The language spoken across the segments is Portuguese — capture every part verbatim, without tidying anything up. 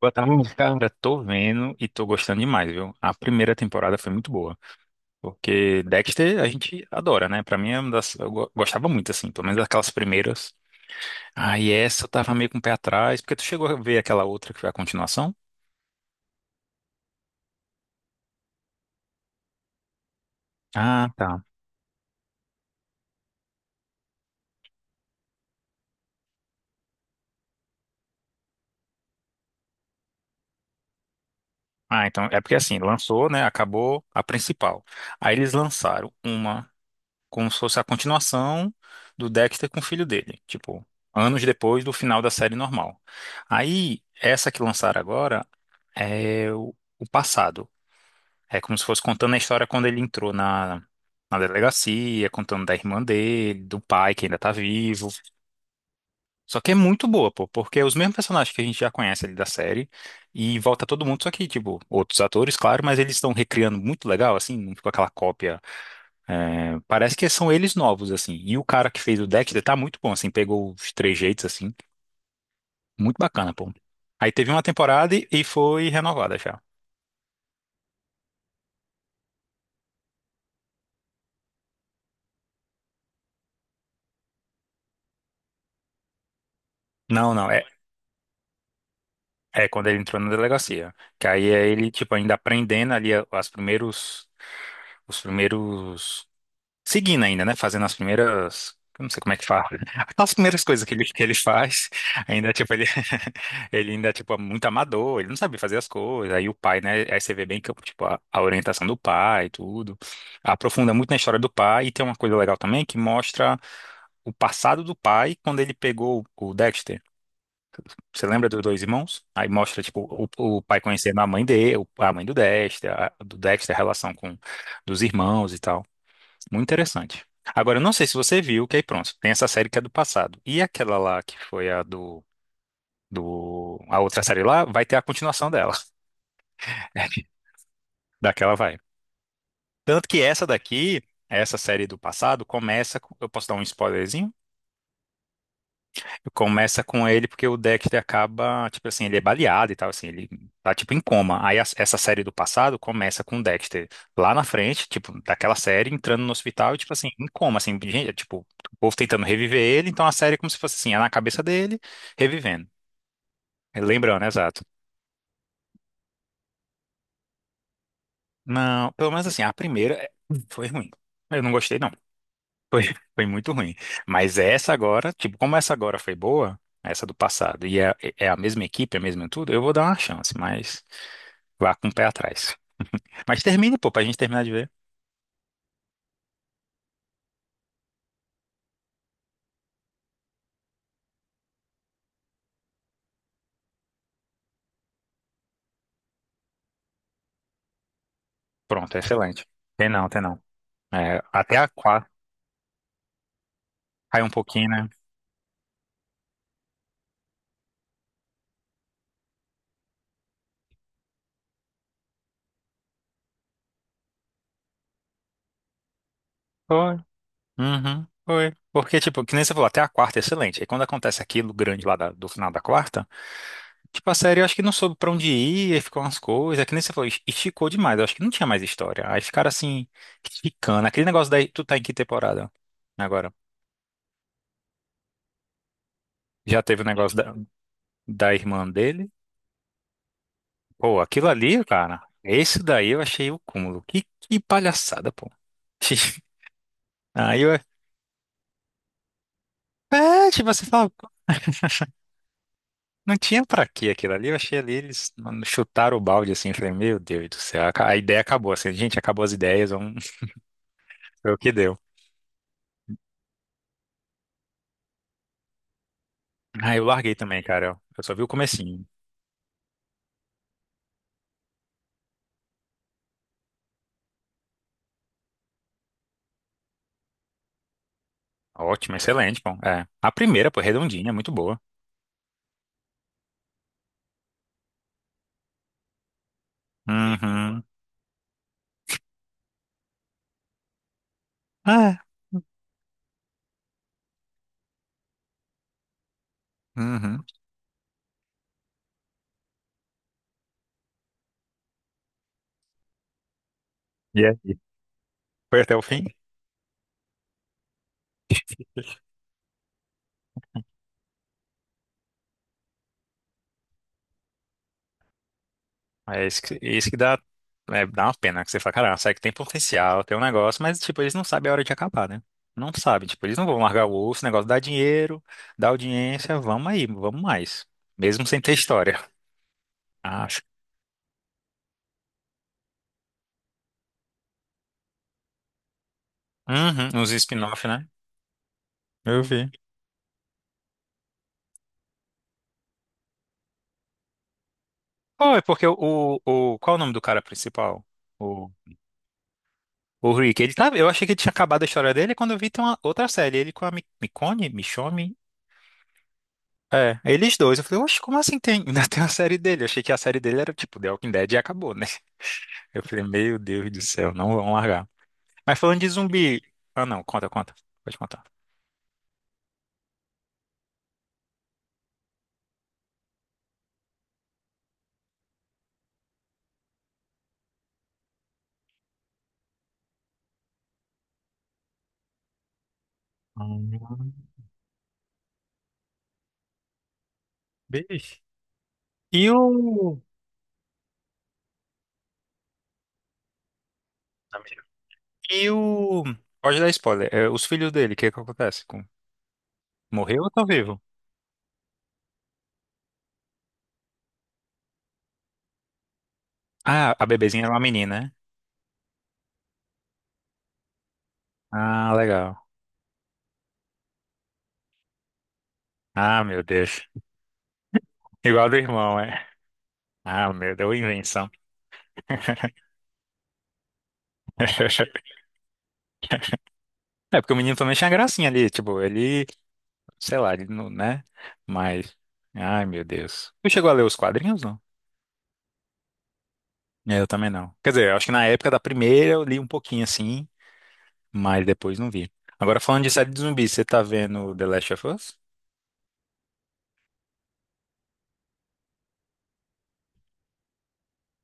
Boa tarde, cara. Tô vendo e tô gostando demais, viu? A primeira temporada foi muito boa, porque Dexter a gente adora, né? Pra mim é uma das... Eu go- gostava muito, assim, pelo menos daquelas primeiras. Ah, e essa eu tava meio com o pé atrás, porque tu chegou a ver aquela outra que foi a continuação? Ah, tá. Ah, então é porque assim, lançou, né? Acabou a principal. Aí eles lançaram uma. Como se fosse a continuação do Dexter com o filho dele, tipo, anos depois do final da série normal. Aí, essa que lançaram agora é o, o passado. É como se fosse contando a história quando ele entrou na, na delegacia, contando da irmã dele, do pai que ainda tá vivo. Só que é muito boa, pô, porque é os mesmos personagens que a gente já conhece ali da série e volta todo mundo, só que, tipo, outros atores, claro, mas eles estão recriando muito legal, assim, não ficou aquela cópia, é, parece que são eles novos, assim. E o cara que fez o Dexter tá muito bom, assim. Pegou os três jeitos, assim. Muito bacana, pô. Aí teve uma temporada e e foi renovada já. Não, não. É, é quando ele entrou na delegacia. Que aí é ele, tipo, ainda aprendendo ali a- as primeiros, os primeiros, seguindo ainda, né? Fazendo as primeiras. Eu não sei como é que fala. As primeiras coisas que ele, que ele faz, ainda, tipo, ele, ele ainda, tipo, é muito amador, ele não sabe fazer as coisas. Aí o pai, né? Aí você vê bem que, tipo, a, a orientação do pai e tudo. Aprofunda muito na história do pai. E tem uma coisa legal também que mostra o passado do pai quando ele pegou o Dexter. Você lembra dos dois irmãos? Aí mostra, tipo, o, o pai conhecendo a mãe dele, a mãe do Dexter, a- do Dexter, a relação com dos irmãos e tal. Muito interessante. Agora, eu não sei se você viu, que aí pronto, tem essa série que é do passado. E aquela lá que foi a do, do... A outra série lá vai ter a continuação dela. Daquela vai. Tanto que essa daqui, essa série do passado, começa... com- Eu posso dar um spoilerzinho? Começa com ele porque o Dexter acaba, tipo assim, ele é baleado e tal, assim, ele tá tipo em coma. Aí as- essa série do passado começa com o Dexter lá na frente, tipo, daquela série, entrando no hospital e, tipo assim, em coma, assim, gente, é, tipo, o povo tentando reviver ele, então a série é como se fosse assim, é na cabeça dele, revivendo. Lembrando, exato. Não, pelo menos assim, a primeira é, foi ruim. Eu não gostei, não. Foi, foi muito ruim. Mas essa agora, tipo, como essa agora foi boa, essa do passado, e é, é a mesma equipe, é a mesma tudo, eu vou dar uma chance, mas vá com o pé atrás. Mas termina, pô, pra gente terminar de ver. Pronto, é excelente. Tem não, tem não. É, até a quarta, cai um pouquinho, né? Foi. Uhum, foi. Porque, tipo, que nem você falou, até a quarta é excelente. Aí quando acontece aquilo grande lá da- do final da quarta. Tipo, a série eu acho que não soube pra onde ir, aí ficou umas coisas, é que nem você falou, es- esticou demais, eu acho que não tinha mais história. Aí ficaram assim, esticando. Aquele negócio daí, tu tá em que temporada agora? Já teve o negócio da, da irmã dele? Pô, aquilo ali, cara, esse daí eu achei o cúmulo. Que, que palhaçada, pô. Aí eu, é, tipo, você fala, pô, não tinha pra quê aquilo ali, eu achei ali, eles mano, chutaram o balde assim, eu falei, meu Deus do céu, a a ideia acabou, assim, gente, acabou as ideias, vamos ver o que deu. Ah, eu larguei também, cara. Eu só vi o comecinho. Ótimo, excelente, bom. É. A primeira, pô, redondinha, é muito boa. Uhum. Ah, uhum. E aí? Foi até o fim? É isso que, isso que dá, é, dá uma pena, que você fala, cara, sabe que tem potencial, tem um negócio, mas, tipo, eles não sabem a hora de acabar, né? Não sabem, tipo, eles não vão largar o osso, o negócio dá dinheiro, dá audiência, vamos aí, vamos mais. Mesmo sem ter história, acho. Uhum, uns spin-off, né? Eu vi. Oh, é porque o, o... Qual é o nome do cara principal? O Rick, ele tá, eu achei que ele tinha acabado a história dele quando eu vi tem uma outra série, ele com a Mi- Micone, Michonne, é, eles dois. Eu falei, oxe, como assim tem, ainda tem uma série dele? Eu achei que a série dele era tipo The Walking Dead e acabou, né? Eu falei, meu Deus do céu, não vão largar. Mas falando de zumbi, ah não, conta, conta, pode contar. Hum, Beleza. E o. Amigo. E o. Pode dar spoiler. É, os filhos dele, o que que acontece? Com... Morreu ou estão vivo? Ah, a bebezinha é uma menina, né? Ah, legal. Ah, meu Deus. Igual do irmão, é. Ah, meu Deus, invenção. É porque o menino também tinha gracinha ali, tipo, ele, sei lá, ele não, né? Mas, ai, meu Deus. Tu chegou a ler os quadrinhos, não? Eu também não. Quer dizer, eu acho que na época da primeira eu li um pouquinho assim, mas depois não vi. Agora falando de série de zumbis, você tá vendo The Last of Us?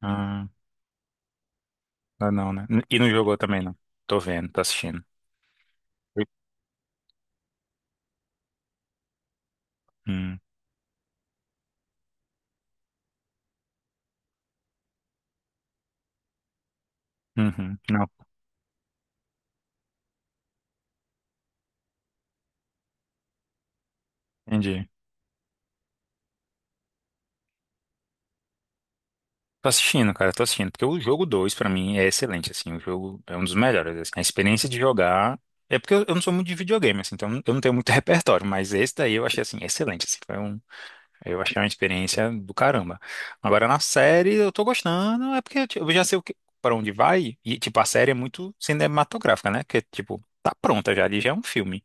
Ah, ah, não, né? E não jogou também, não. Tô vendo, tô assistindo. Oi? Hum, uhum, não, entendi. Tô assistindo, cara, tô assistindo. Porque o jogo dois pra mim, é excelente, assim. O jogo é um dos melhores, assim. A experiência de jogar... É porque eu eu não sou muito de videogame, assim. Então eu não tenho muito repertório. Mas esse daí eu achei, assim, excelente, assim. Foi um, eu achei uma experiência do caramba. Agora na série eu tô gostando, é porque tipo, eu já sei o que, para onde vai e tipo a série é muito cinematográfica, né? Que tipo tá pronta já, ali já é um filme.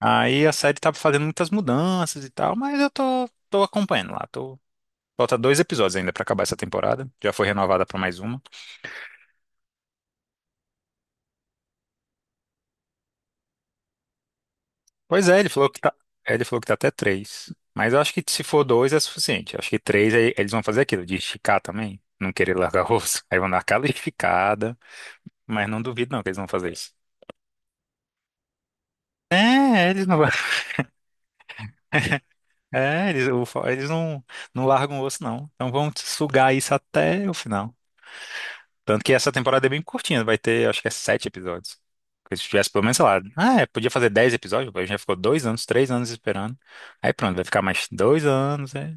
Aí a série tá fazendo muitas mudanças e tal, mas eu tô tô acompanhando lá. Tô, falta dois episódios ainda pra acabar essa temporada. Já foi renovada pra mais uma. Pois é, ele falou que tá, é, ele falou que tá até três. Mas eu acho que se for dois é suficiente. Acho que três aí eles vão fazer aquilo de esticar também, não querer largar o osso. Aí vão dar aquela esticada. Mas não duvido não que eles vão fazer isso. É, eles não, é, eles, o fo- eles não, não largam o osso, não. Então vão sugar isso até o final. Tanto que essa temporada é bem curtinha, vai ter, acho que é sete episódios. Porque se tivesse pelo menos, sei lá, ah, é, podia fazer dez episódios, a gente já ficou dois anos, três anos esperando. Aí pronto, vai ficar mais dois anos. É.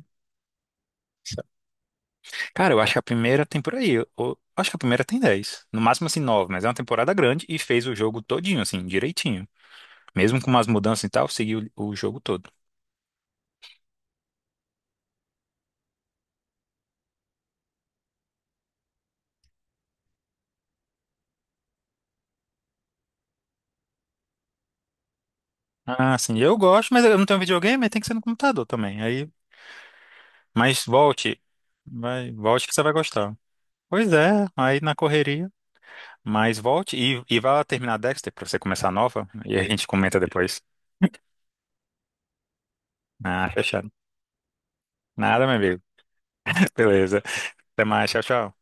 Cara, eu acho que a primeira tem por aí. Eu, eu acho que a primeira tem dez, no máximo, assim, nove, mas é uma temporada grande e fez o jogo todinho, assim, direitinho. Mesmo com umas mudanças e tal, seguiu o jogo todo. Ah, sim, eu gosto, mas eu não tenho videogame, aí tem que ser no computador também. Aí, mas volte, vai, volte que você vai gostar. Pois é, aí na correria. Mas volte e, e vá terminar Dexter pra você começar a nova e a gente comenta depois. Ah, fechado. Nada, meu amigo. Beleza. Até mais, tchau, tchau.